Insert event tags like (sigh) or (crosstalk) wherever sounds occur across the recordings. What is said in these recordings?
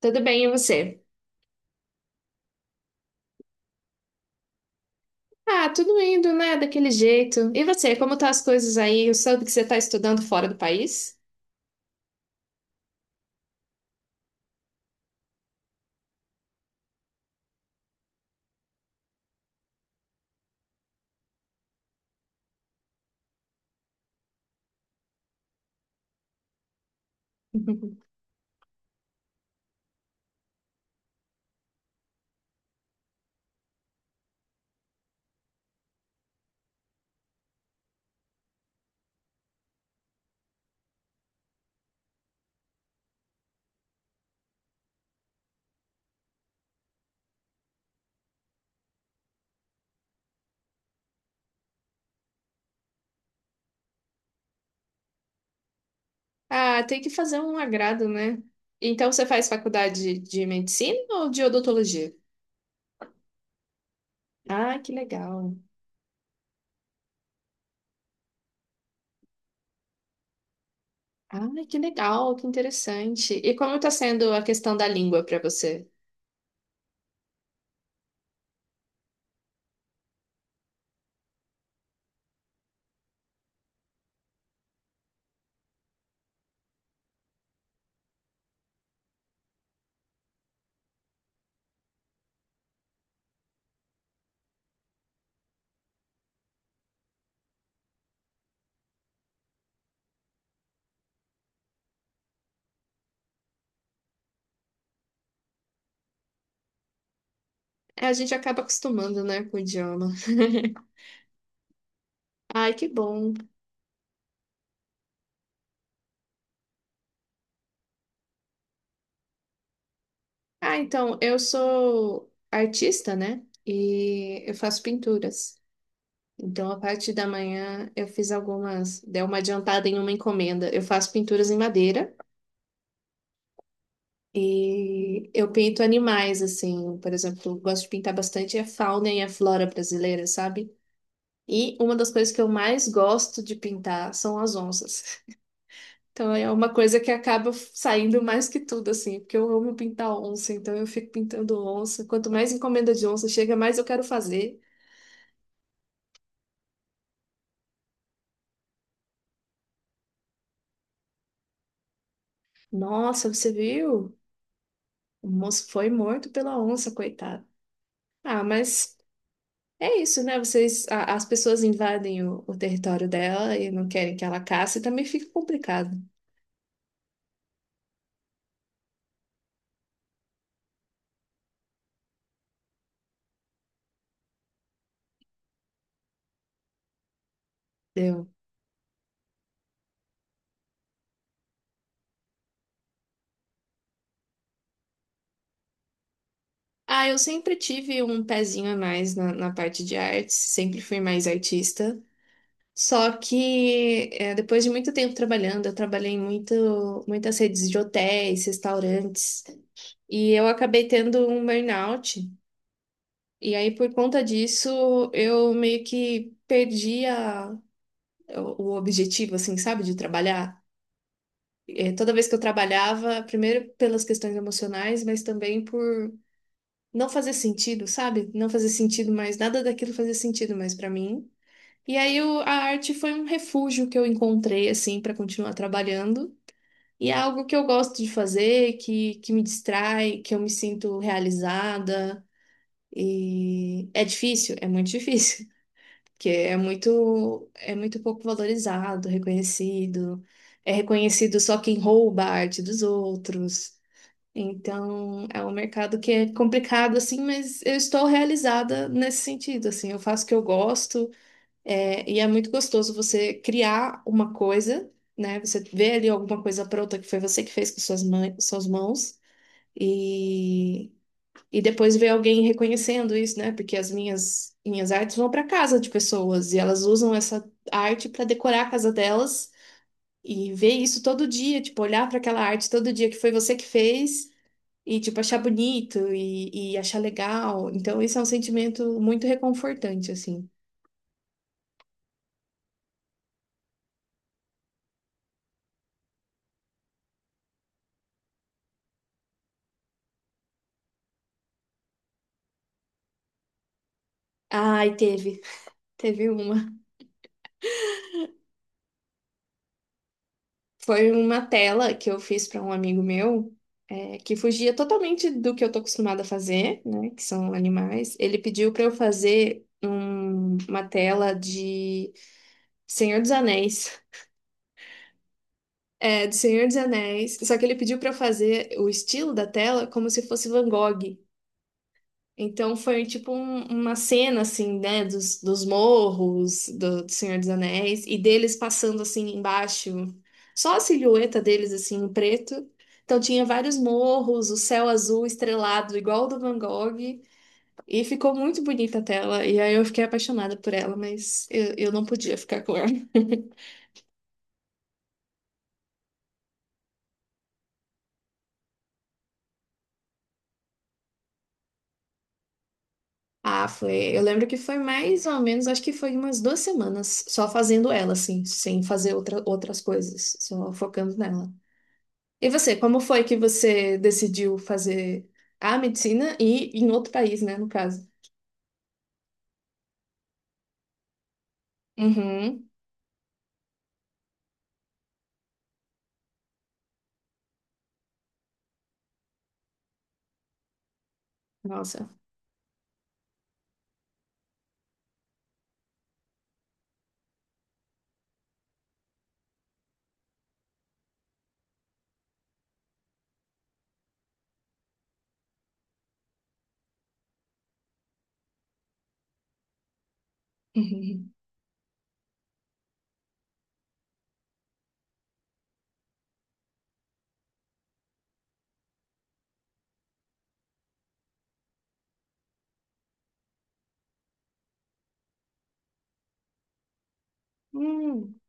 Tudo bem, e você? Ah, tudo indo, né? Daquele jeito. E você, como tá as coisas aí? Eu soube que você tá estudando fora do país? (laughs) Ah, tem que fazer um agrado, né? Então você faz faculdade de medicina ou de odontologia? Ah, que legal. Ah, que legal, que interessante. E como tá sendo a questão da língua para você? É, a gente acaba acostumando, né, com o idioma. Ai, que bom. Ah, então, eu sou artista, né? E eu faço pinturas. Então, a parte da manhã, eu fiz algumas, dei uma adiantada em uma encomenda. Eu faço pinturas em madeira e eu pinto animais, assim. Por exemplo, eu gosto de pintar bastante a fauna e a flora brasileira, sabe? E uma das coisas que eu mais gosto de pintar são as onças. Então é uma coisa que acaba saindo mais que tudo, assim, porque eu amo pintar onça, então eu fico pintando onça. Quanto mais encomenda de onça chega, mais eu quero fazer. Nossa, você viu? O moço foi morto pela onça, coitado. Ah, mas é isso, né? Vocês, as pessoas invadem o território dela e não querem que ela caça, e também fica complicado, entendeu? Ah, eu sempre tive um pezinho a mais na parte de artes, sempre fui mais artista. Só que é, depois de muito tempo trabalhando, eu trabalhei em muitas redes de hotéis, restaurantes, e eu acabei tendo um burnout. E aí, por conta disso, eu meio que perdi o objetivo, assim, sabe, de trabalhar. É, toda vez que eu trabalhava, primeiro pelas questões emocionais, mas também por não fazer sentido, sabe? Não fazer sentido mais, nada daquilo fazia sentido mais para mim. E aí a arte foi um refúgio que eu encontrei assim para continuar trabalhando. E é algo que eu gosto de fazer, que me distrai, que eu me sinto realizada. E é difícil, é muito difícil, (laughs) porque é muito pouco valorizado, reconhecido. É reconhecido só quem rouba a arte dos outros. Então, é um mercado que é complicado assim, mas eu estou realizada nesse sentido, assim, eu faço o que eu gosto. É, e é muito gostoso você criar uma coisa, né? Você vê ali alguma coisa pronta que foi você que fez com suas mãos, e, e depois ver alguém reconhecendo isso, né? Porque as minhas artes vão para casa de pessoas e elas usam essa arte para decorar a casa delas e ver isso todo dia, tipo, olhar para aquela arte todo dia que foi você que fez e, tipo, achar bonito e achar legal. Então, isso é um sentimento muito reconfortante, assim. Ai, teve. Teve uma. Foi uma tela que eu fiz para um amigo meu, é, que fugia totalmente do que eu tô acostumada a fazer, né? Que são animais. Ele pediu para eu fazer uma tela de Senhor dos Anéis. É, de Senhor dos Anéis. Só que ele pediu para eu fazer o estilo da tela como se fosse Van Gogh. Então foi tipo uma cena assim, né, dos morros do Senhor dos Anéis e deles passando assim embaixo, só a silhueta deles assim em preto. Então tinha vários morros, o céu azul estrelado igual o do Van Gogh e ficou muito bonita a tela e aí eu fiquei apaixonada por ela, mas eu não podia ficar com ela. (laughs) Ah, foi. Eu lembro que foi mais ou menos, acho que foi umas duas semanas só fazendo ela assim, sem fazer outra, outras coisas, só focando nela. E você, como foi que você decidiu fazer a medicina e em outro país, né, no caso? Uhum. Nossa. (laughs) Uhum. Hum.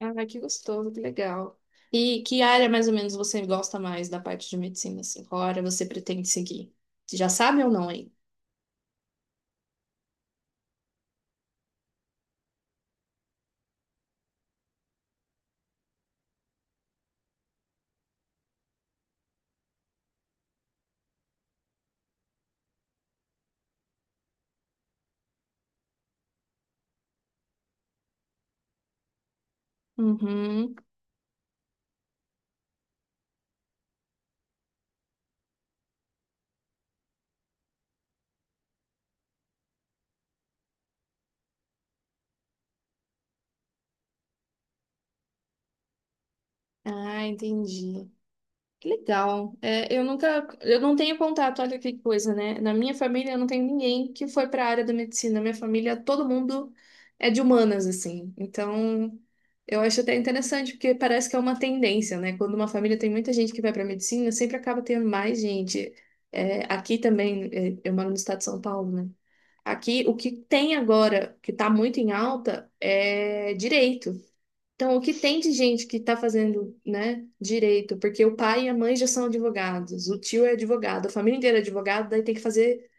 Ah, que gostoso, que legal. E que área mais ou menos você gosta mais da parte de medicina, assim? Qual área você pretende seguir? Você já sabe ou não aí? Uhum. Ah, entendi. Que legal. É, eu nunca, eu não tenho contato, olha que coisa, né? Na minha família eu não tenho ninguém que foi para a área da medicina. Na minha família, todo mundo é de humanas, assim. Então, eu acho até interessante, porque parece que é uma tendência, né? Quando uma família tem muita gente que vai para medicina, sempre acaba tendo mais gente. É, aqui também, é, eu moro no estado de São Paulo, né? Aqui, o que tem agora, que está muito em alta, é direito. Então, o que tem de gente que está fazendo, né, direito? Porque o pai e a mãe já são advogados, o tio é advogado, a família inteira é advogada, daí tem que fazer,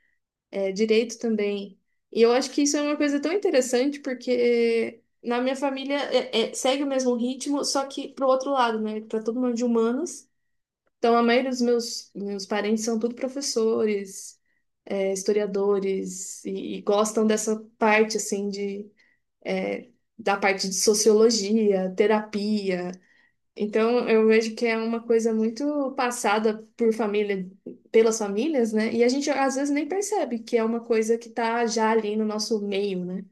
é, direito também. E eu acho que isso é uma coisa tão interessante, porque na minha família segue o mesmo ritmo, só que pro outro lado, né? Para todo mundo de humanas. Então, a maioria dos meus parentes são tudo professores, é, historiadores, e gostam dessa parte, assim, de. É, da parte de sociologia, terapia, então, eu vejo que é uma coisa muito passada por família, pelas famílias, né? E a gente às vezes nem percebe que é uma coisa que tá já ali no nosso meio, né?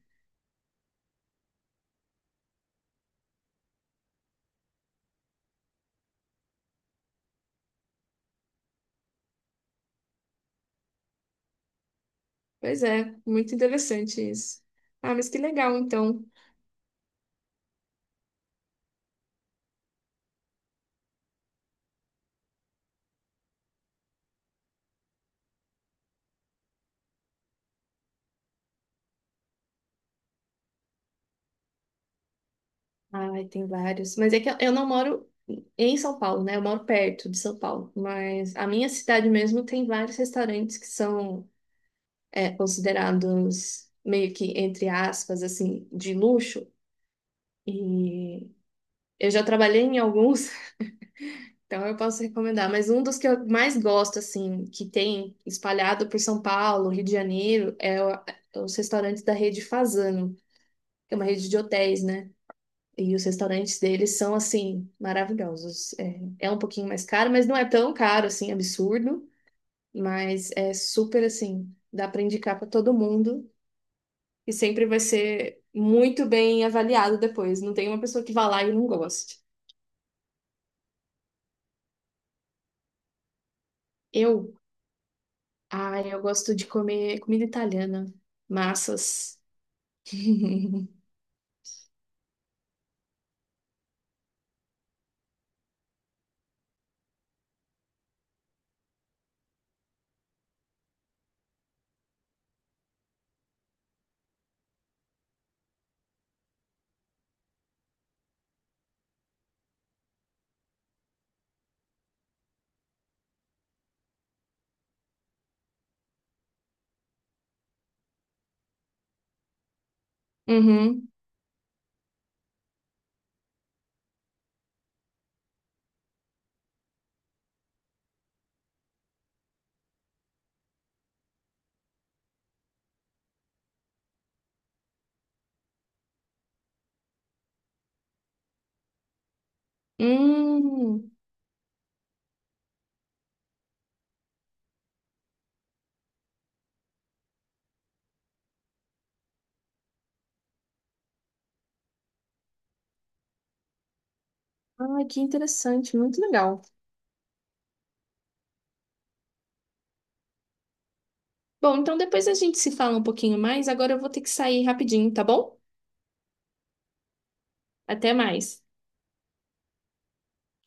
Pois é, muito interessante isso. Ah, mas que legal, então. Ai, tem vários. Mas é que eu não moro em São Paulo, né? Eu moro perto de São Paulo. Mas a minha cidade mesmo tem vários restaurantes que são é, considerados meio que, entre aspas, assim, de luxo. E eu já trabalhei em alguns. Então eu posso recomendar, mas um dos que eu mais gosto, assim, que tem espalhado por São Paulo, Rio de Janeiro, é os restaurantes da rede Fazano, que é uma rede de hotéis, né? E os restaurantes deles são, assim, maravilhosos. É, é um pouquinho mais caro, mas não é tão caro, assim, absurdo. Mas é super, assim, dá para indicar para todo mundo e sempre vai ser muito bem avaliado depois. Não tem uma pessoa que vá lá e não goste. Eu Ah, eu gosto de comer comida italiana, massas. (laughs) Uhum. Hum. Ah, que interessante, muito legal. Bom, então depois a gente se fala um pouquinho mais. Agora eu vou ter que sair rapidinho, tá bom? Até mais.